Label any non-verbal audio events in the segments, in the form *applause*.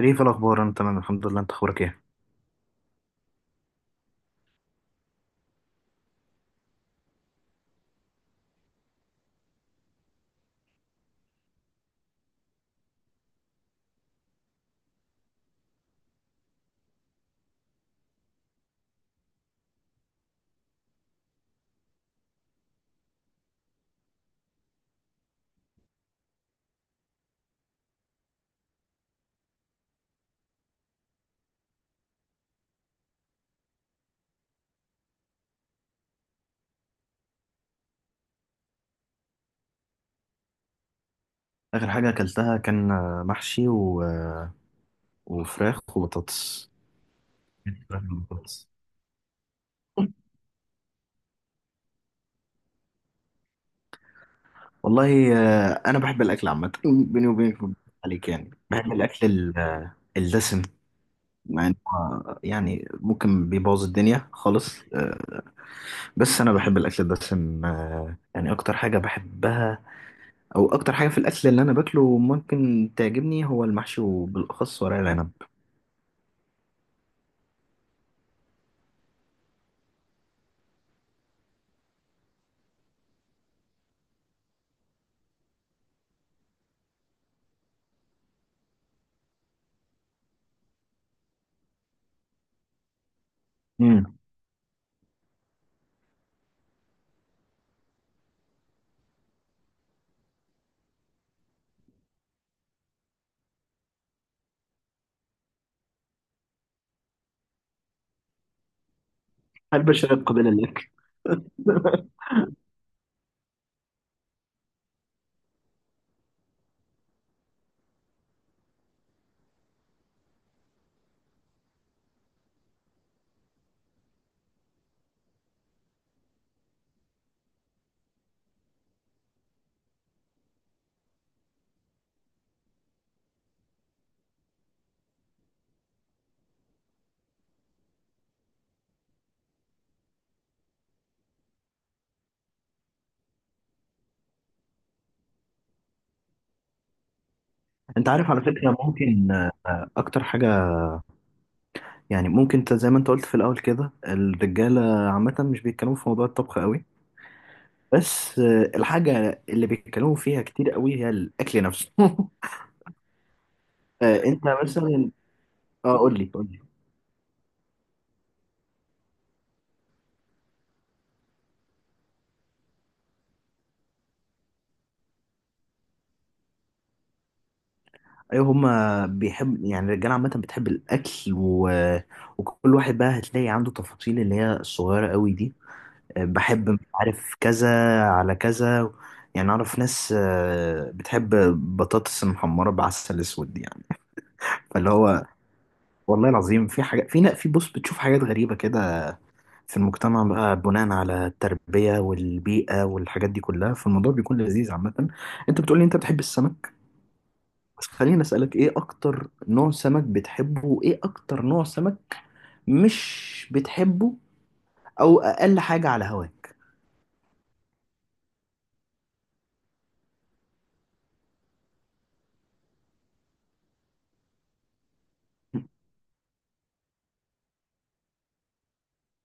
شريف الأخبار، أنا تمام الحمد لله. أنت أخبارك إيه؟ آخر حاجة أكلتها كان محشي و... آه، وفراخ وبطاطس. فراخ وبطاطس. والله أنا بحب الأكل عامة، بيني وبينك ما بكذبش عليك، يعني بحب الأكل الدسم. مع إنه يعني ممكن بيبوظ الدنيا خالص، بس أنا بحب الأكل الدسم، يعني أكتر حاجة بحبها، أو أكتر حاجة في الأكل اللي أنا باكله ممكن تعجبني هو المحشي وبالأخص ورق العنب. أحب أشارك قبيلة لك. *laughs* أنت عارف على فكرة، ممكن أكتر حاجة، يعني ممكن، أنت زي ما أنت قلت في الأول كده، الرجالة عامة مش بيتكلموا في موضوع الطبخ قوي. بس الحاجة اللي بيتكلموا فيها كتير قوي هي الأكل نفسه. *laughs* أنت مثلا، أه قول لي قول لي. أيوه، هما بيحب، يعني الرجالة عامة بتحب الأكل و... وكل واحد بقى هتلاقي عنده تفاصيل اللي هي الصغيرة قوي دي. بحب مش عارف كذا على كذا، يعني اعرف ناس بتحب بطاطس محمره بعسل اسود يعني. فاللي هو والله العظيم في حاجه، في، بص بتشوف حاجات غريبه كده في المجتمع بقى، بناء على التربيه والبيئه والحاجات دي كلها. فالموضوع بيكون لذيذ عامه. انت بتقولي انت بتحب السمك، بس خليني اسالك، ايه اكتر نوع سمك بتحبه، وايه اكتر نوع سمك مش بتحبه، او اقل حاجه على هواك؟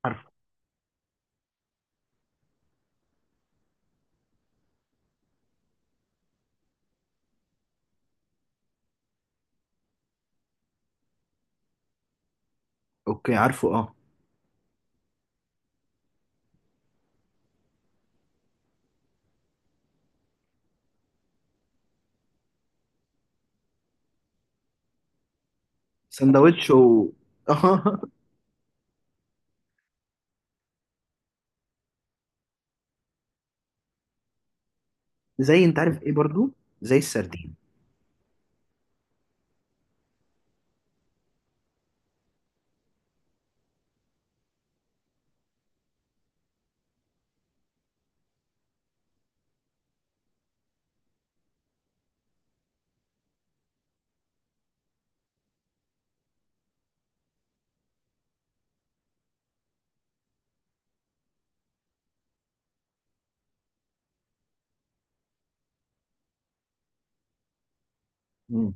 عارفه. اوكي، عارفه، اه. سندوتش و... *laughs* زي، انت عارف ايه برضو؟ زي السردين. مم.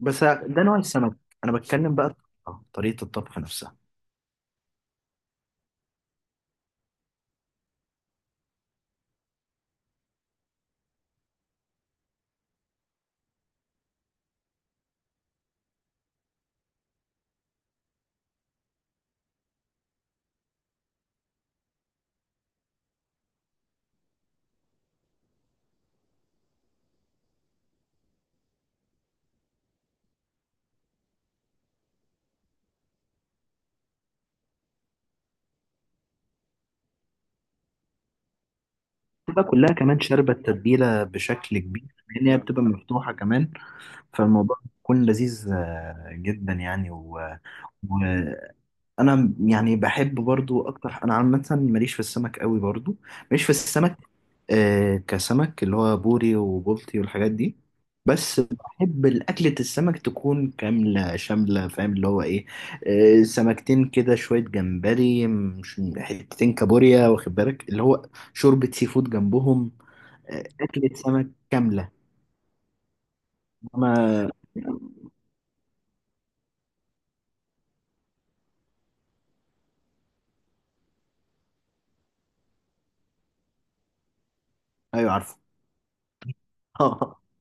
بس ده نوع السمك، انا بتكلم بقى طريقة الطبخ نفسها. بتبقى كلها كمان شاربة التتبيلة بشكل كبير، لان هي بتبقى مفتوحة كمان. فالموضوع بيكون لذيذ جدا يعني و... انا يعني بحب برضو اكتر، انا عامه ماليش في السمك قوي برضو. ماليش في السمك، آه، كسمك اللي هو بوري وبلطي والحاجات دي. بس بحب الاكلة السمك تكون كاملة شاملة، فاهم اللي هو ايه؟ آه، سمكتين كده، شوية جمبري، مش حتتين كابوريا، واخد بالك؟ اللي هو شوربة سي فود جنبهم. آه، اكلة سمك كاملة. انا ايوه، عارفه. *laughs*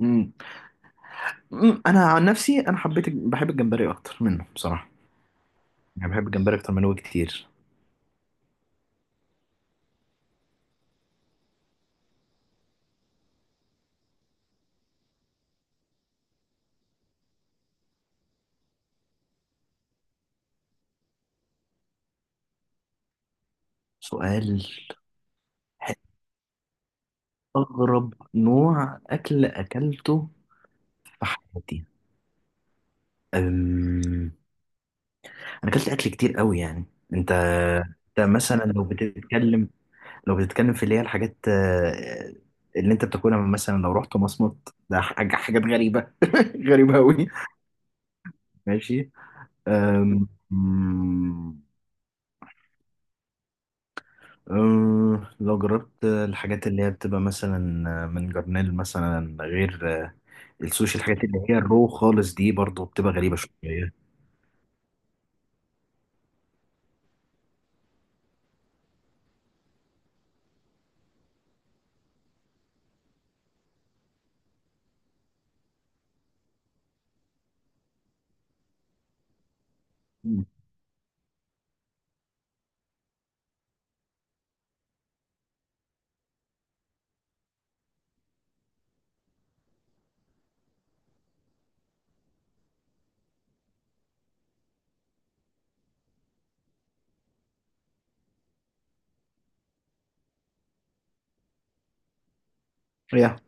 أمم. أمم، انا عن نفسي انا حبيت، بحب الجمبري اكتر منه بصراحة. انا بحب الجمبري اكتر من هو كتير. سؤال، ح-، اغرب نوع اكل اكلته في حياتي. أم... انا اكلت اكل كتير قوي يعني. انت، انت مثلا لو بتتكلم، لو بتتكلم في اللي هي الحاجات اللي انت بتاكلها، مثلا لو رحت مصمت، ده حاجة، حاجات غريبة *laughs* غريبة قوي. ماشي. أم... أم، لو جربت الحاجات اللي هي بتبقى مثلا من جرنيل مثلا، غير السوشي، الحاجات اللي هي الرو خالص دي برضو بتبقى غريبة شوية. مم. يا.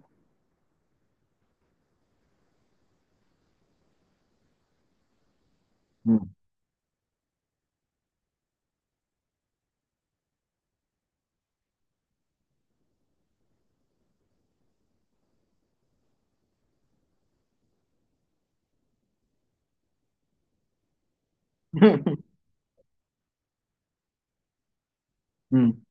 مم. *laughs* مم.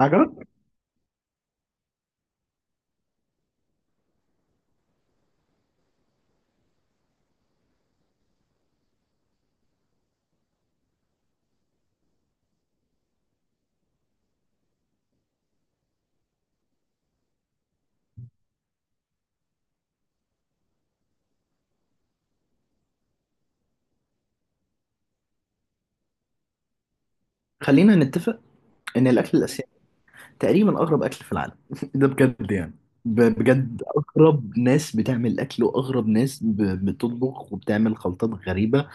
عجبك؟ خلينا نتفق ان الاكل الاسيوي تقريبا اغرب اكل في العالم. *laughs* ده بجد يعني، بجد اغرب ناس بتعمل اكل، واغرب ناس بتطبخ وبتعمل خلطات غريبة.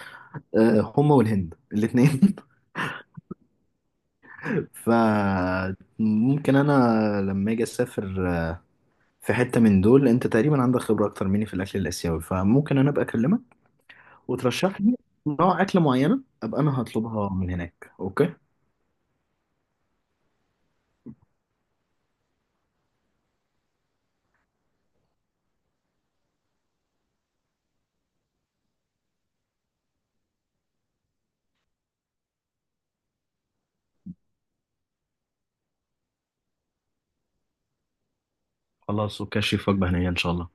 آه، هما والهند الاثنين. *laughs* فممكن انا لما اجي اسافر في حتة من دول، انت تقريبا عندك خبرة اكتر مني في الاكل الاسيوي، فممكن انا ابقى اكلمك وترشح لي نوع اكل معينة ابقى انا هطلبها من هناك. اوكي، خلاص اوكي، شيف، وجبة هنية ان شاء الله.